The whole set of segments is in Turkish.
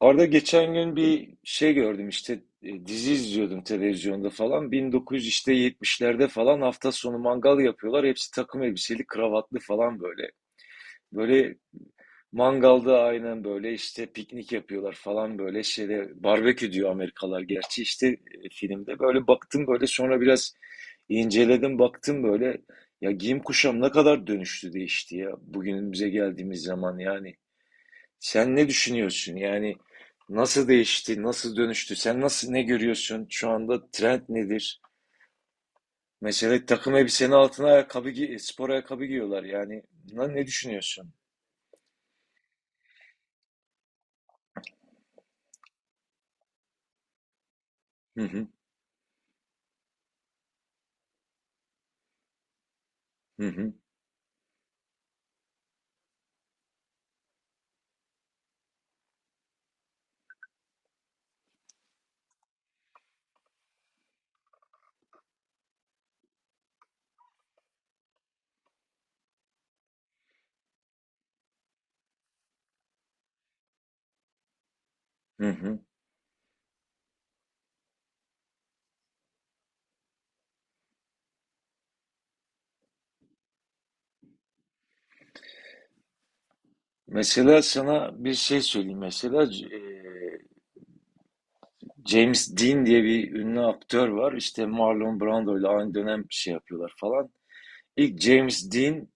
Arada geçen gün bir şey gördüm işte dizi izliyordum televizyonda falan 1970'lerde falan hafta sonu mangal yapıyorlar, hepsi takım elbiseli, kravatlı falan, böyle mangalda. Aynen böyle işte piknik yapıyorlar falan, böyle şeyde, barbekü diyor Amerikalılar gerçi, işte filmde böyle baktım, böyle sonra biraz inceledim, baktım böyle ya giyim kuşam ne kadar dönüştü, değişti ya bugünümüze geldiğimiz zaman. Yani sen ne düşünüyorsun? Yani nasıl değişti, nasıl dönüştü? Sen nasıl, ne görüyorsun? Şu anda trend nedir? Mesela takım elbisenin altına ayakkabı, spor ayakkabı giyiyorlar. Yani bundan ne düşünüyorsun? Hı hı, hı hı, hı hı. Mesela sana bir şey söyleyeyim. Mesela James Dean diye bir ünlü aktör var. İşte Marlon Brando ile aynı dönem bir şey yapıyorlar falan. İlk James Dean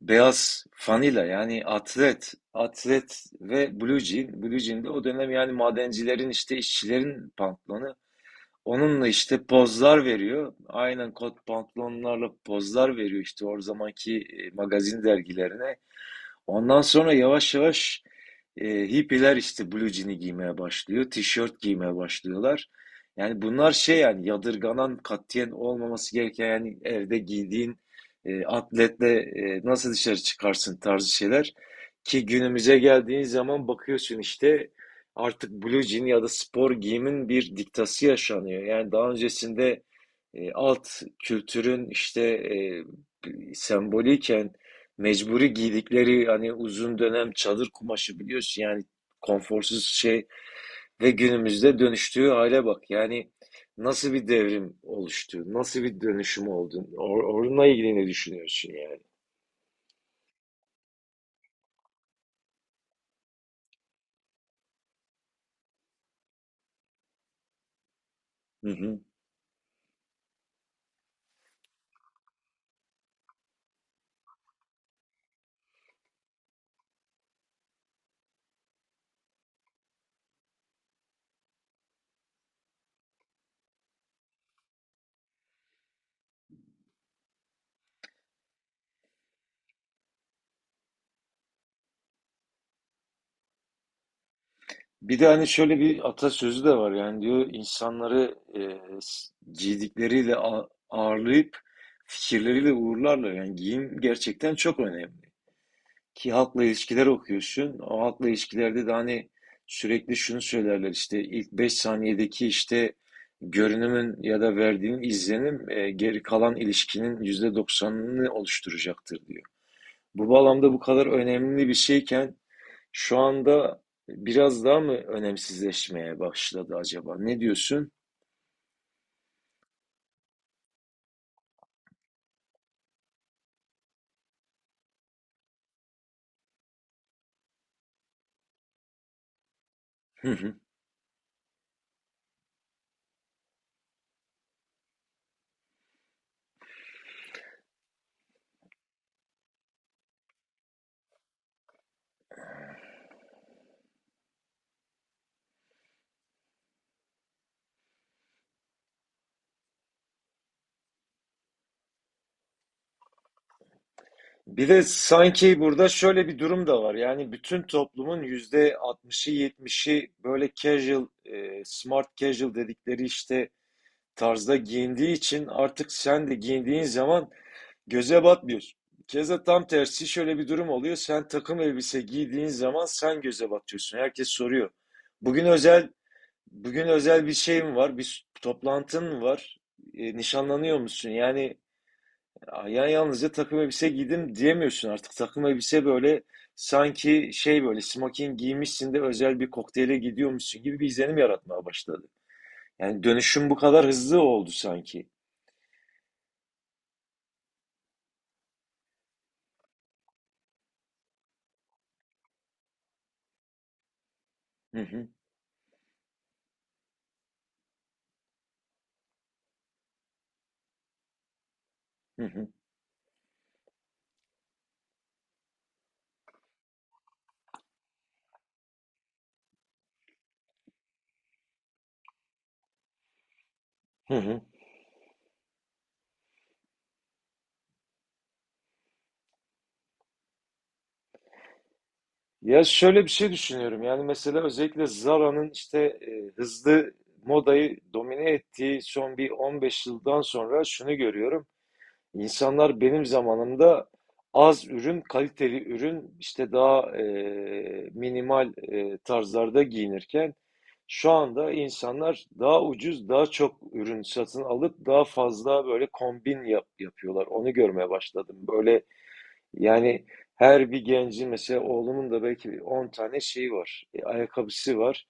beyaz fanila, yani atlet ve blue jean. Blue jean de o dönem yani madencilerin, işte işçilerin pantolonu. Onunla işte pozlar veriyor. Aynen kot pantolonlarla pozlar veriyor işte o zamanki magazin dergilerine. Ondan sonra yavaş yavaş hippiler işte blue jean'i giymeye başlıyor. Tişört giymeye başlıyorlar. Yani bunlar şey yani yadırganan, katiyen olmaması gereken, yani evde giydiğin atletle nasıl dışarı çıkarsın tarzı şeyler. Ki günümüze geldiğin zaman bakıyorsun işte artık blue jean ya da spor giyimin bir diktası yaşanıyor. Yani daha öncesinde alt kültürün işte sembolüyken, mecburi giydikleri, hani uzun dönem çadır kumaşı, biliyorsun yani, konforsuz şey ve günümüzde dönüştüğü hale bak. Yani nasıl bir devrim oluştu, nasıl bir dönüşüm oldu. Onunla ilgili ne düşünüyorsun yani? Hı hı. Bir de hani şöyle bir atasözü de var, yani diyor, insanları giydikleriyle ağırlayıp fikirleriyle uğurlarlar. Yani giyim gerçekten çok önemli. Ki halkla ilişkiler okuyorsun. O halkla ilişkilerde de hani sürekli şunu söylerler işte: ilk 5 saniyedeki işte görünümün ya da verdiğin izlenim geri kalan ilişkinin %90'ını oluşturacaktır diyor. Bu bağlamda bu kadar önemli bir şeyken şu anda biraz daha mı önemsizleşmeye başladı acaba? Ne diyorsun? Bir de sanki burada şöyle bir durum da var. Yani bütün toplumun yüzde 60'ı, 70'i böyle casual, smart casual dedikleri işte tarzda giyindiği için artık sen de giyindiğin zaman göze batmıyorsun. Keza tam tersi şöyle bir durum oluyor: sen takım elbise giydiğin zaman sen göze batıyorsun. Herkes soruyor: Bugün özel bugün özel bir şey mi var? Bir toplantın mı var? Nişanlanıyor musun? Yani ya yalnızca takım elbise giydim diyemiyorsun artık. Takım elbise böyle, sanki şey, böyle smoking giymişsin de özel bir kokteyle gidiyormuşsun gibi bir izlenim yaratmaya başladı. Yani dönüşüm bu kadar hızlı oldu sanki. Hı hı, hı hı, hı hı. Ya şöyle bir şey düşünüyorum. Yani mesela özellikle Zara'nın işte hızlı modayı domine ettiği son bir 15 yıldan sonra şunu görüyorum. İnsanlar benim zamanımda az ürün, kaliteli ürün, işte daha minimal tarzlarda giyinirken şu anda insanlar daha ucuz, daha çok ürün satın alıp daha fazla böyle kombin yapıyorlar. Onu görmeye başladım. Böyle, yani her bir gencin, mesela oğlumun da belki 10 tane şeyi var. Ayakkabısı var.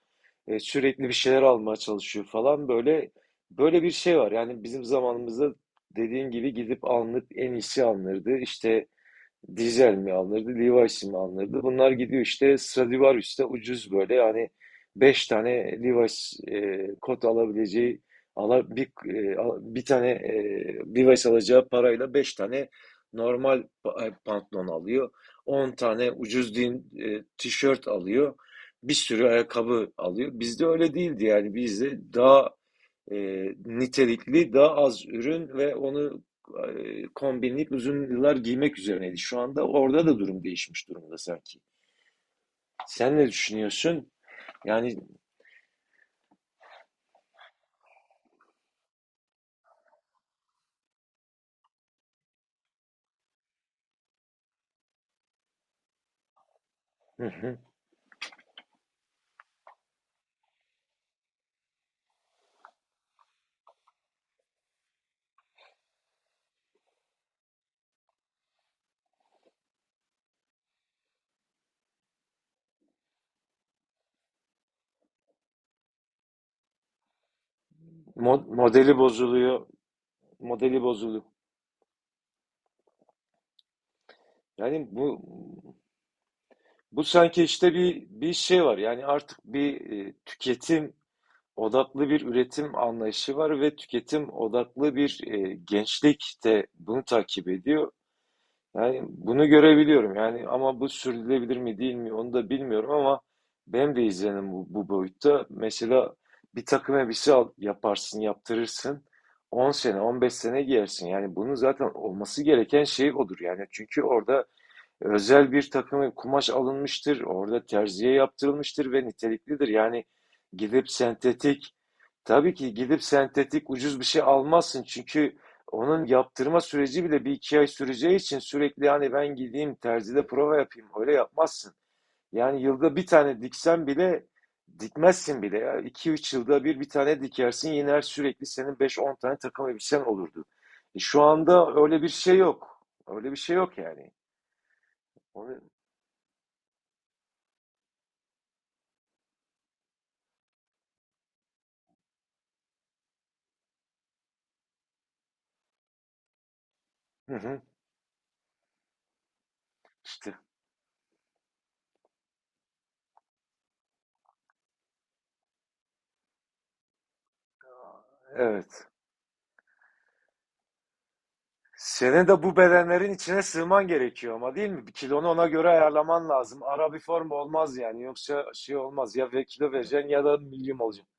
Sürekli bir şeyler almaya çalışıyor falan. Böyle böyle bir şey var. Yani bizim zamanımızda, dediğin gibi, gidip alınıp en iyisi alınırdı. İşte Dizel mi alınırdı, Levi's mi alınırdı? Bunlar gidiyor işte Stradivarius'ta ucuz, böyle yani 5 tane Levi's kot alabileceği, ala, bir, bir tane Levi's alacağı parayla 5 tane normal pantolon alıyor. 10 tane ucuz tişört alıyor. Bir sürü ayakkabı alıyor. Bizde öyle değildi, yani bizde daha e, nitelikli, daha az ürün ve onu kombinleyip uzun yıllar giymek üzerineydi. Şu anda orada da durum değişmiş durumda sanki. Sen ne düşünüyorsun? Yani. Hı hı. Modeli bozuluyor, modeli bozuluyor. Yani bu sanki işte bir şey var. Yani artık bir tüketim odaklı bir üretim anlayışı var ve tüketim odaklı bir gençlik de bunu takip ediyor. Yani bunu görebiliyorum yani, ama bu sürdürülebilir mi değil mi onu da bilmiyorum ama benim de izlenim bu boyutta. Mesela bir takım elbise al, yaparsın, yaptırırsın. 10 sene, 15 sene giyersin. Yani bunun zaten olması gereken şey odur. Yani çünkü orada özel bir takım kumaş alınmıştır. Orada terziye yaptırılmıştır ve niteliklidir. Yani gidip sentetik, tabii ki gidip sentetik ucuz bir şey almazsın. Çünkü onun yaptırma süreci bile bir iki ay süreceği için sürekli yani ben gideyim terzide prova yapayım, öyle yapmazsın. Yani yılda bir tane diksen bile, dikmezsin bile ya. İki üç yılda bir bir tane dikersin, yine her sürekli senin beş on tane takım elbisen olurdu. E şu anda öyle bir şey yok. Öyle bir şey yok yani. Onu... Hı hı. İşte evet. Senin de bu bedenlerin içine sığman gerekiyor ama, değil mi? Bir kilonu ona göre ayarlaman lazım. Ara bir form olmaz yani. Yoksa şey olmaz. Ya ve kilo vereceksin ya da milyum olacaksın.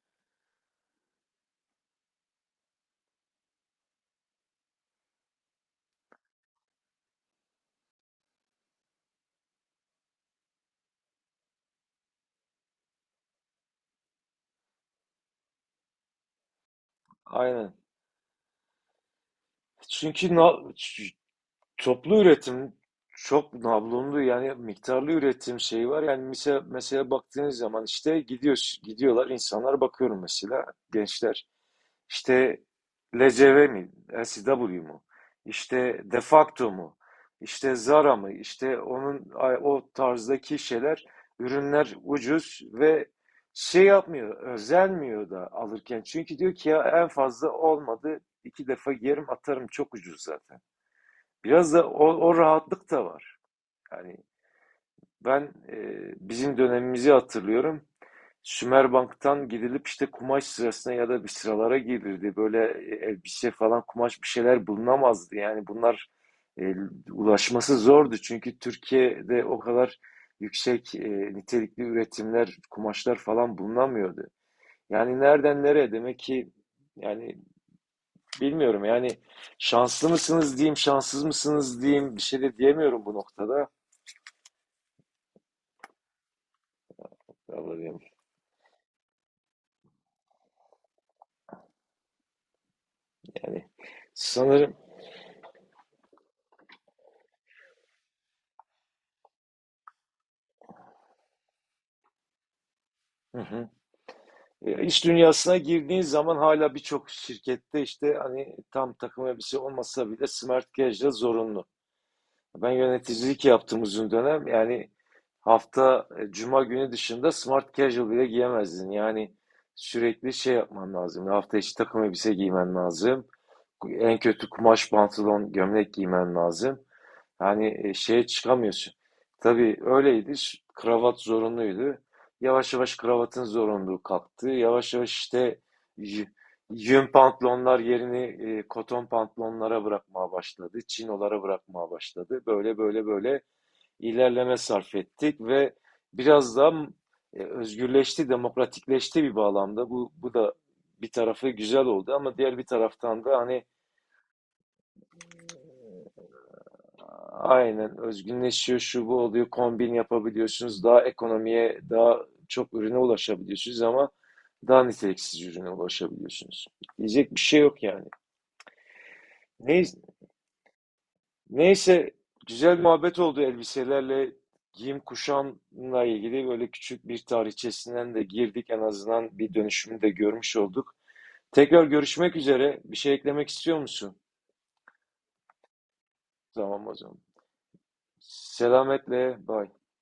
Aynen. Çünkü ç- toplu üretim, çok nablonlu yani miktarlı üretim şeyi var. Yani mesela, mesela baktığınız zaman işte gidiyor, gidiyorlar insanlar, bakıyorum mesela gençler. İşte LCV mi? LCW mu? İşte de facto mu? İşte Zara mı? İşte onun o tarzdaki şeyler, ürünler ucuz ve şey yapmıyor, özenmiyor da alırken. Çünkü diyor ki ya en fazla olmadı iki defa giyerim, atarım, çok ucuz zaten. Biraz da o rahatlık da var. Yani ben e, bizim dönemimizi hatırlıyorum. Sümerbank'tan gidilip işte kumaş sırasına ya da bir sıralara girilirdi. Böyle elbise falan, kumaş, bir şeyler bulunamazdı. Yani bunlar e, ulaşması zordu. Çünkü Türkiye'de o kadar yüksek nitelikli üretimler, kumaşlar falan bulunamıyordu. Yani nereden nereye, demek ki, yani bilmiyorum. Yani şanslı mısınız diyeyim, şanssız mısınız diyeyim, bir şey de diyemiyorum bu noktada. Vallahi, yani sanırım. Hı hı. E, İş dünyasına girdiğin zaman hala birçok şirkette işte hani tam takım elbise olmasa bile smart casual zorunlu. Ben yöneticilik yaptım uzun dönem. Yani hafta cuma günü dışında smart casual bile giyemezdin. Yani sürekli şey yapman lazım. Yani hafta içi takım elbise giymen lazım. En kötü kumaş pantolon, gömlek giymen lazım. Yani şeye çıkamıyorsun. Tabii öyleydi. Kravat zorunluydu. Yavaş yavaş kravatın zorunluluğu kalktı. Yavaş yavaş işte y- yün pantolonlar yerini koton pantolonlara bırakmaya başladı. Çinolara bırakmaya başladı. Böyle böyle böyle ilerleme sarf ettik ve biraz daha özgürleşti, demokratikleşti bir bağlamda. Bu da bir tarafı güzel oldu ama diğer bir taraftan da hani, aynen, özgünleşiyor, şu bu oluyor, kombin yapabiliyorsunuz, daha ekonomiye, daha çok ürüne ulaşabiliyorsunuz ama daha niteliksiz ürüne ulaşabiliyorsunuz. Diyecek bir şey yok yani. Neyse, neyse, güzel muhabbet oldu elbiselerle, giyim kuşamla ilgili böyle küçük bir tarihçesinden de girdik, en azından bir dönüşümü de görmüş olduk. Tekrar görüşmek üzere. Bir şey eklemek istiyor musun? Tamam o zaman. Selametle, bye.